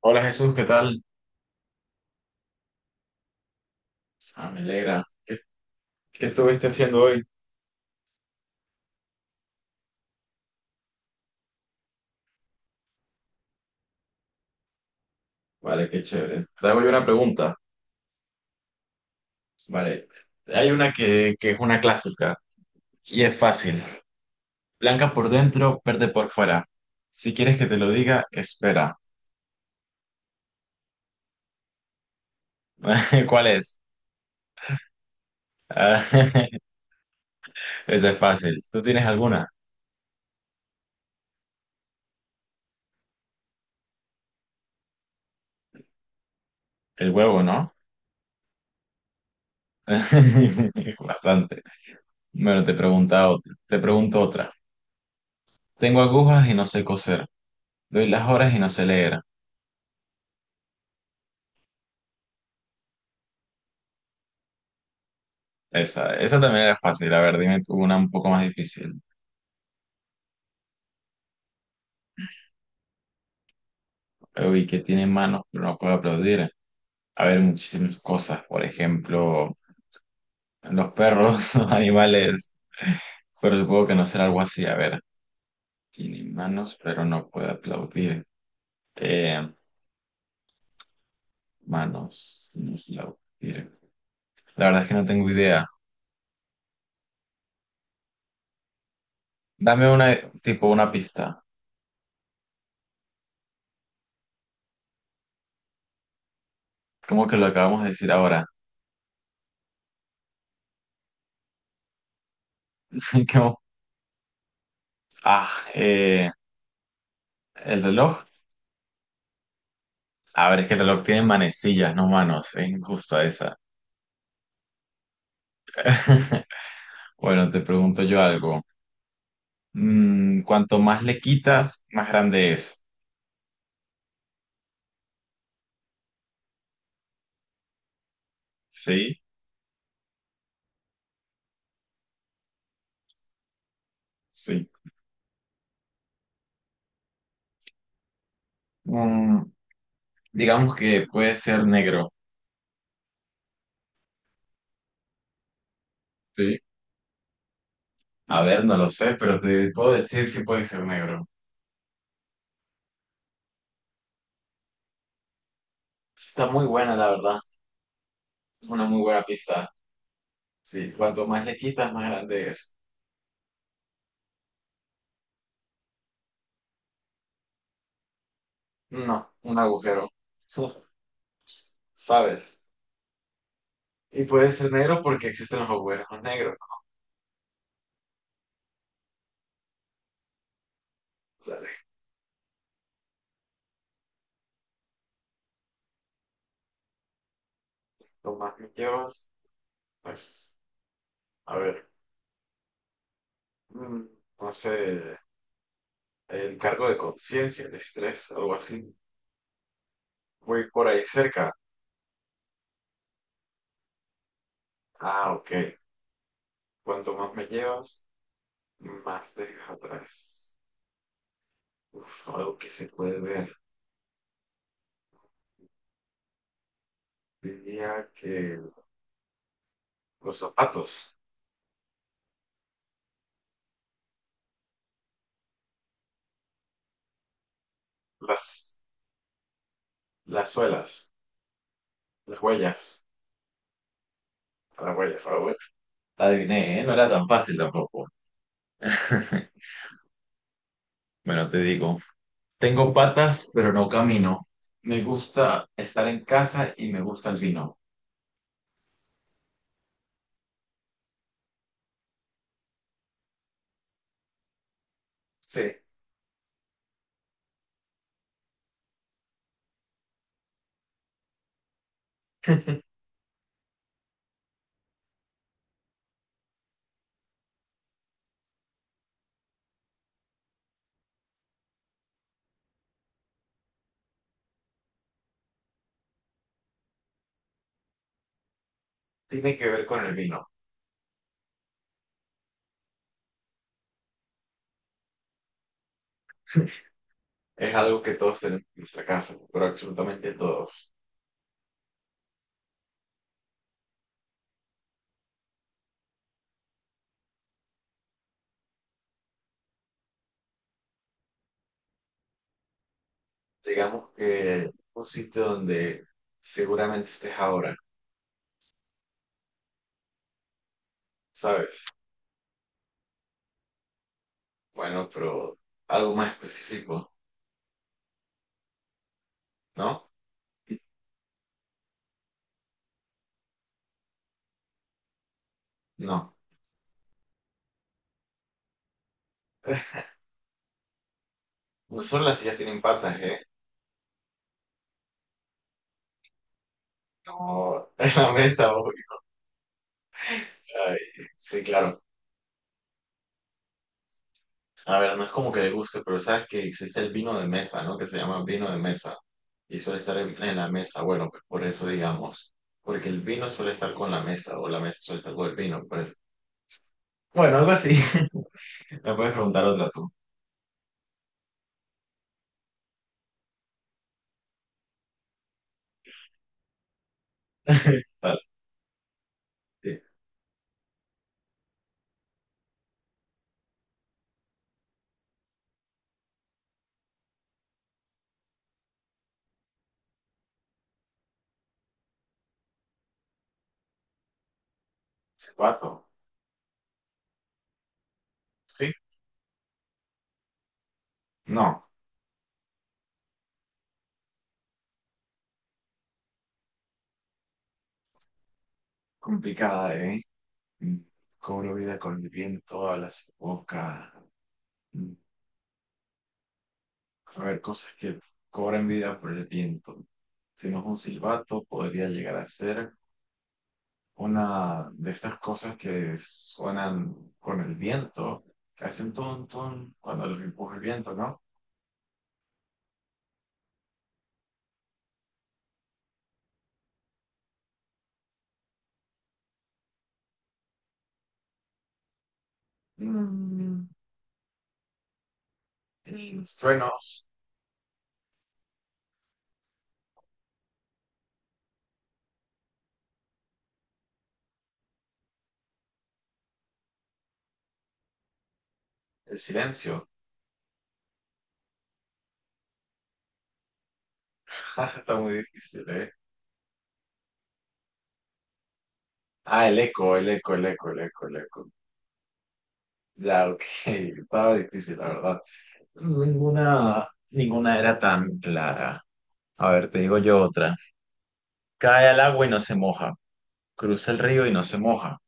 Hola Jesús, ¿qué tal? Ah, me alegra. ¿Qué estuviste haciendo hoy? Vale, qué chévere. Te hago yo una pregunta. Vale, hay una que es una clásica y es fácil. Blanca por dentro, verde por fuera. Si quieres que te lo diga, espera. ¿Cuál es? Ah, esa es fácil. ¿Tú tienes alguna? El huevo, ¿no? Bastante. Bueno, te pregunta otra. Te pregunto otra. Tengo agujas y no sé coser. Doy las horas y no sé leer. Esa también era fácil. A ver, dime tú una un poco más difícil. Uy, que tiene manos, pero no puede aplaudir. A ver, muchísimas cosas. Por ejemplo, los perros, los animales. Pero supongo que no será algo así. A ver, tiene manos, pero no puede aplaudir. Eh, Manos, no puede aplaudir. La verdad es que no tengo idea. Dame una, tipo, una pista. ¿Cómo que lo acabamos de decir ahora? ¿Cómo? Ah, eh, el reloj. A ver, es que el reloj tiene manecillas, no manos. Es injusto esa. Bueno, te pregunto yo algo. Cuanto más le quitas, más grande es. Sí, sí. Mm, digamos que puede ser negro. Sí. A ver, no lo sé, pero te puedo decir que puede ser negro. Está muy buena, la verdad. Una muy buena pista. Sí, cuanto más le quitas, más grande es. No, un agujero. Uf, ¿sabes? Y puede ser negro porque existen los agujeros negros. Dale, lo más que llevas, pues, a ver. Mm, no sé. El cargo de conciencia, el estrés, algo así. Voy por ahí cerca. Ah, ok. Cuanto más me llevas, más dejas atrás. Uf, algo que se puede ver. Diría que los zapatos, las, las suelas, las huellas. Las huellas, por favor. Adiviné, ¿eh? No era tan fácil tampoco. Bueno, te digo, tengo patas, pero no camino. Me gusta estar en casa y me gusta el vino. Sí, tiene que ver con el vino. Es algo que todos tenemos en nuestra casa, ¿no? Pero absolutamente todos. Digamos que un sitio donde seguramente estés ahora, ¿sabes? Bueno, pero algo más específico, ¿no? No. No solo las sillas tienen patas, ¿eh? No, es la mesa, uy, ay, sí, claro. A ver, no es como que le guste, pero sabes que existe el vino de mesa, ¿no? Que se llama vino de mesa. Y suele estar en la mesa. Bueno, pues por eso digamos. Porque el vino suele estar con la mesa, o la mesa suele estar con el vino, pues. Bueno, algo así. Me puedes preguntar otra tú. Dale. Sí. Zapato. Sí. No. Complicada, ¿eh? Mm, Cobro vida con el viento a las bocas. Mm, A ver, cosas que cobran vida por el viento. Si no es un silbato, podría llegar a ser una de estas cosas que suenan con el viento, que hacen ton, ton cuando los empuja el viento, ¿no? Mm, Los truenos, el silencio. Está muy difícil, ¿eh? Ah, el eco, el eco, el eco, el eco, el eco. Ya, ok. Estaba difícil, la verdad. Ninguna, ninguna era tan clara. A ver, te digo yo otra. Cae al agua y no se moja. Cruza el río y no se moja.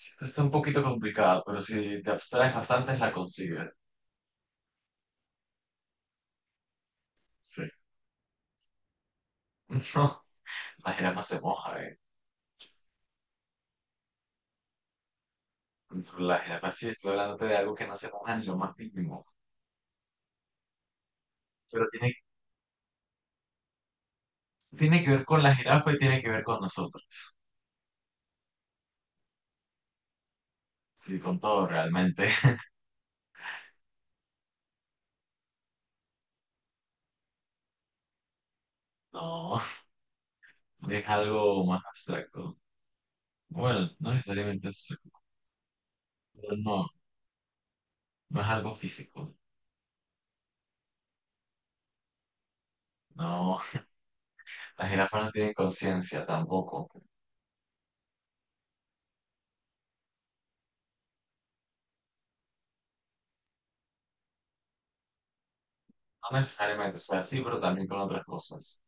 Esta está un poquito complicada, pero si te abstraes bastante la consigues. Sí. No, la jirafa se moja, eh. La jirafa sí, estoy hablando de algo que no se moja ni lo más mínimo. Pero tiene, tiene que ver con la jirafa y tiene que ver con nosotros. Sí, con todo realmente. No, es algo más abstracto. Bueno, no necesariamente abstracto, pero no, no es algo físico. No, las jirafas no tienen conciencia tampoco. No necesariamente, o sea, sí, pero también con otras cosas.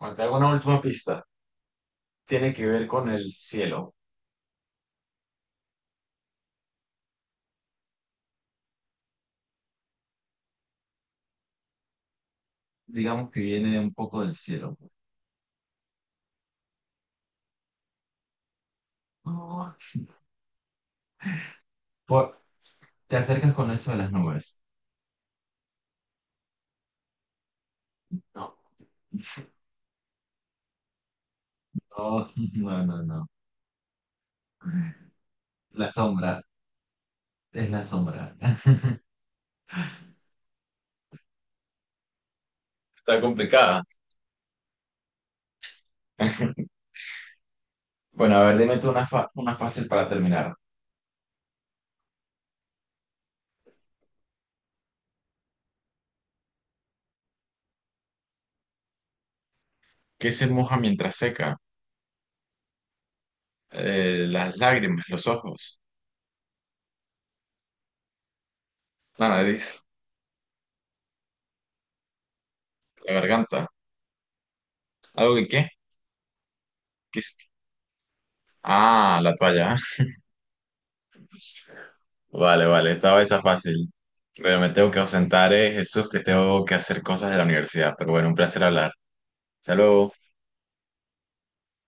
Bueno, te hago una última pista. Tiene que ver con el cielo. Digamos que viene un poco del cielo. No, por- te acercas con eso de las nubes. No, no, no, no, no. La sombra, es la sombra. Está complicada. Bueno, a ver, dime tú una, fa- una fácil para terminar. ¿Qué se moja mientras seca? Las lágrimas, los ojos, la nariz, la garganta. ¿Algo que qué? ¿Qué es? Ah, la toalla. Vale, vale, estaba esa fácil. Pero me tengo que ausentar, Jesús, que tengo que hacer cosas de la universidad. Pero bueno, un placer hablar. Hasta luego.